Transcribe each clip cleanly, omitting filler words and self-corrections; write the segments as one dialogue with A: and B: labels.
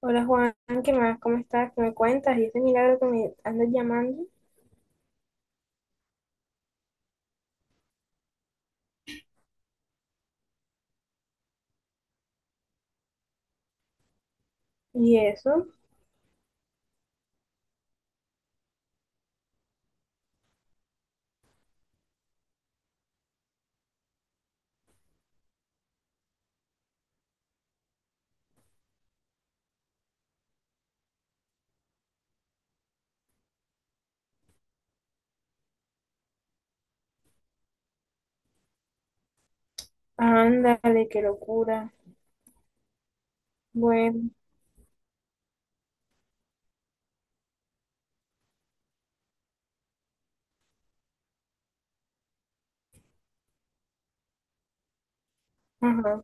A: Hola Juan, ¿qué más? ¿Cómo estás? ¿Qué me cuentas? Y ese milagro que me andas llamando. ¿Y eso? Ándale, qué locura. Bueno, ajá,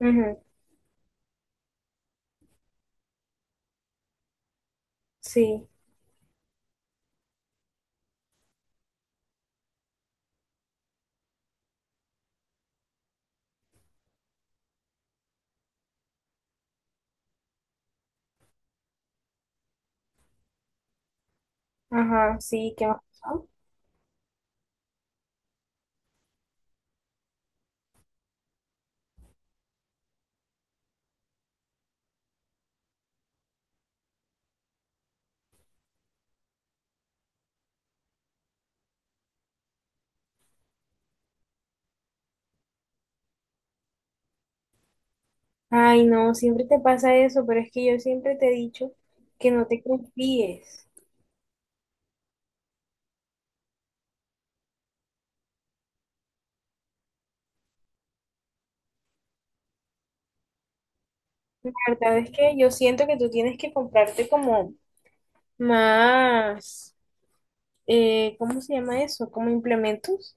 A: ujú, sí, ajá, sí, ¿qué más pasó? Ay, no, siempre te pasa eso, pero es que yo siempre te he dicho que no te confíes. La verdad es que yo siento que tú tienes que comprarte como más, ¿cómo se llama eso? Como implementos,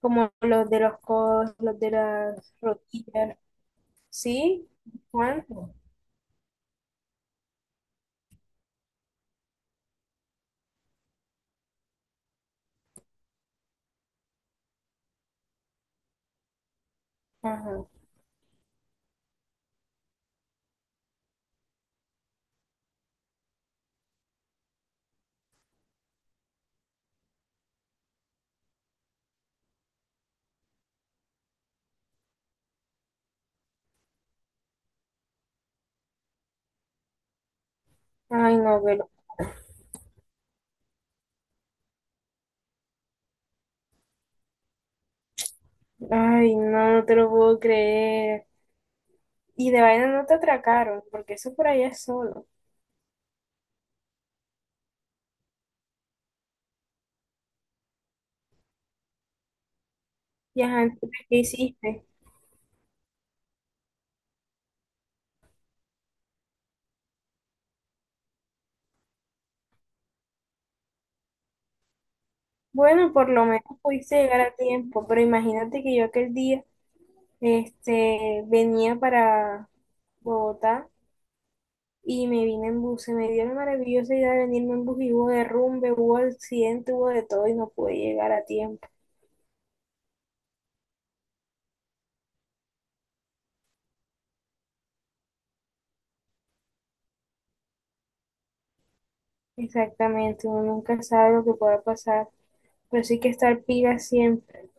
A: como los de los codos, los de las rodillas. ¿Sí? ¿Cuánto? Ajá. Ay, no, pero. Ay, no, no te lo puedo creer. Y de vaina no te atracaron, porque eso por allá es solo. Y ajá, entonces, ¿qué hiciste? Bueno, por lo menos pudiste llegar a tiempo, pero imagínate que yo aquel día, este, venía para Bogotá y me vine en bus. Se me dio la maravillosa idea de venirme en bus y hubo derrumbe, hubo accidente, hubo de todo y no pude llegar a tiempo. Exactamente, uno nunca sabe lo que pueda pasar. Pero sí que estar pila siempre.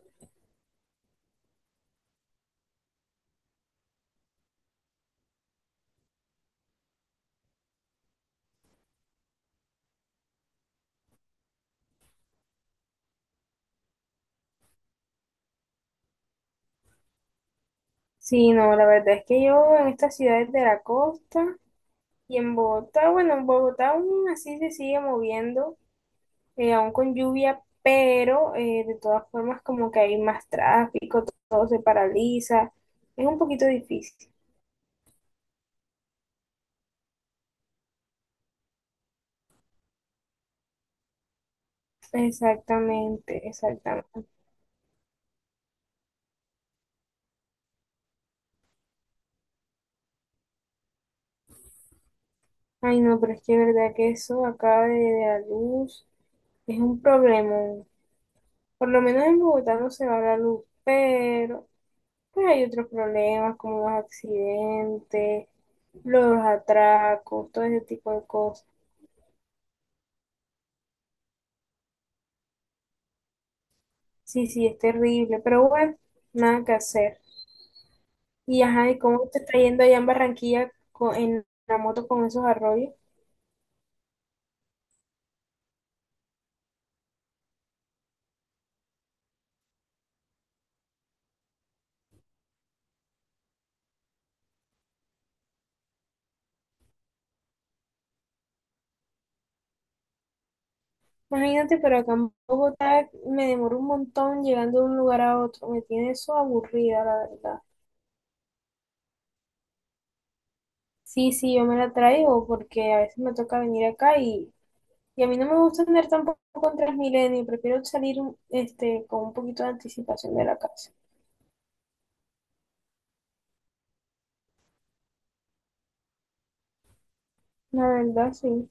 A: Sí, no, la verdad es que yo en estas ciudades de la costa y en Bogotá, bueno, en Bogotá aún así se sigue moviendo, aún con lluvia, pero de todas formas como que hay más tráfico, todo se paraliza, es un poquito difícil. Exactamente, exactamente. Ay, no, pero es que es verdad que eso acá de la luz es un problema. Por lo menos en Bogotá no se va la luz, pero... Pues hay otros problemas como los accidentes, los atracos, todo ese tipo de cosas. Sí, sí, es terrible, pero bueno, nada que hacer. Y ajá, ¿y cómo te está yendo allá en Barranquilla en la moto con esos arroyos? Imagínate, pero acá en Bogotá me demoro un montón llegando de un lugar a otro. Me tiene eso aburrida, la verdad. Sí, sí, yo me la traigo porque a veces me toca venir acá y Y a mí no me gusta andar tampoco con Transmilenio, prefiero salir este, con un poquito de anticipación de la casa. La verdad, sí.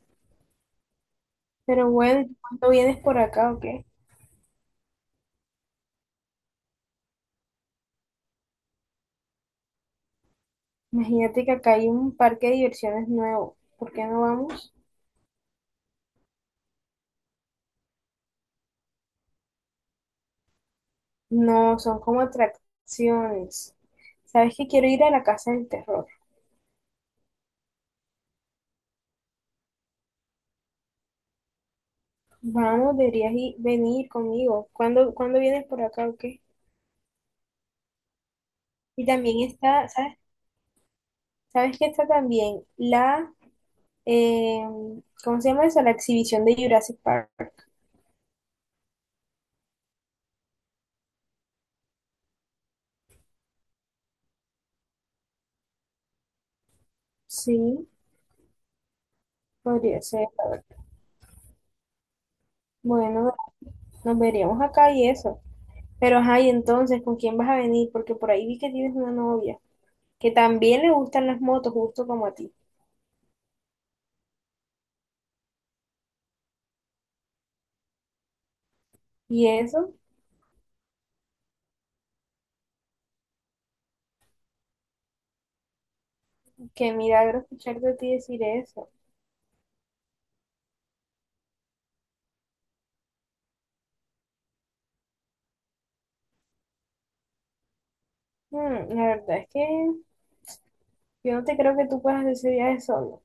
A: Pero bueno, ¿y cuándo vienes por acá o qué? Imagínate que acá hay un parque de diversiones nuevo. ¿Por qué no vamos? No, son como atracciones. ¿Sabes que quiero ir a la casa del terror? Vamos, venir conmigo. ¿Cuándo, cuándo vienes por acá o qué? Y también está, ¿sabes? ¿Sabes que está también la, eh, ¿cómo se llama eso? La exhibición de Jurassic Park. Sí, podría ser. Bueno, nos veríamos acá y eso. Pero, ajá, y entonces, ¿con quién vas a venir? Porque por ahí vi que tienes una novia que también le gustan las motos, justo como a ti. Y eso, qué milagro escuchar de ti decir eso. Mm, la verdad es que yo no te creo que tú puedas hacer ese viaje solo.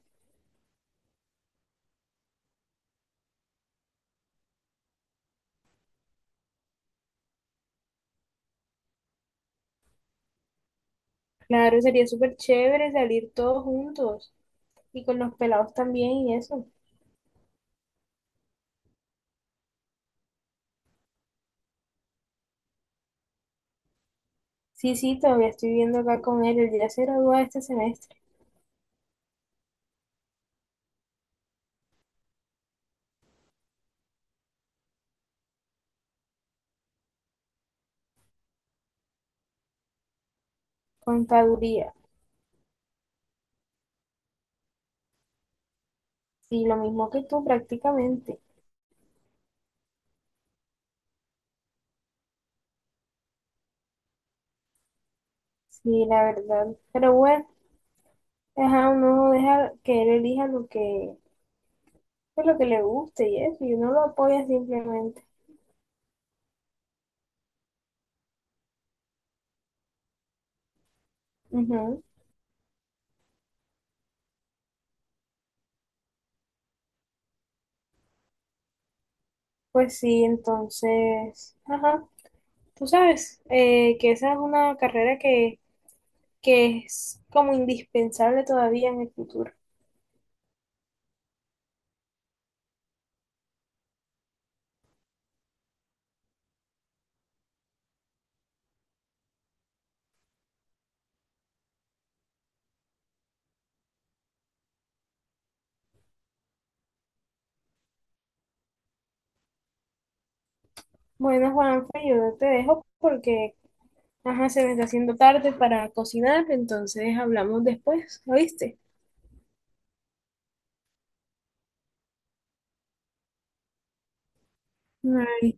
A: Claro, sería súper chévere salir todos juntos y con los pelados también y eso. Sí, sí, todavía estoy viendo acá con él. Él ya se gradúa este semestre, contaduría. Y lo mismo que tú prácticamente. Sí, la verdad. Pero bueno, ajá, uno deja que él elija lo que, pues, lo que le guste y eso, y uno lo apoya simplemente. Ujú. Pues sí, entonces, ajá, tú sabes que esa es una carrera que es como indispensable todavía en el futuro. Bueno, Juanfe, yo te dejo porque, ajá, se me está haciendo tarde para cocinar, entonces hablamos después, ¿oíste? Ay,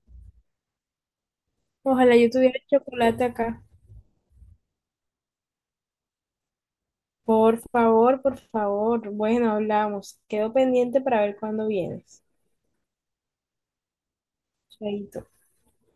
A: ojalá yo tuviera chocolate acá. Por favor, por favor. Bueno, hablamos. Quedo pendiente para ver cuándo vienes. Chaito.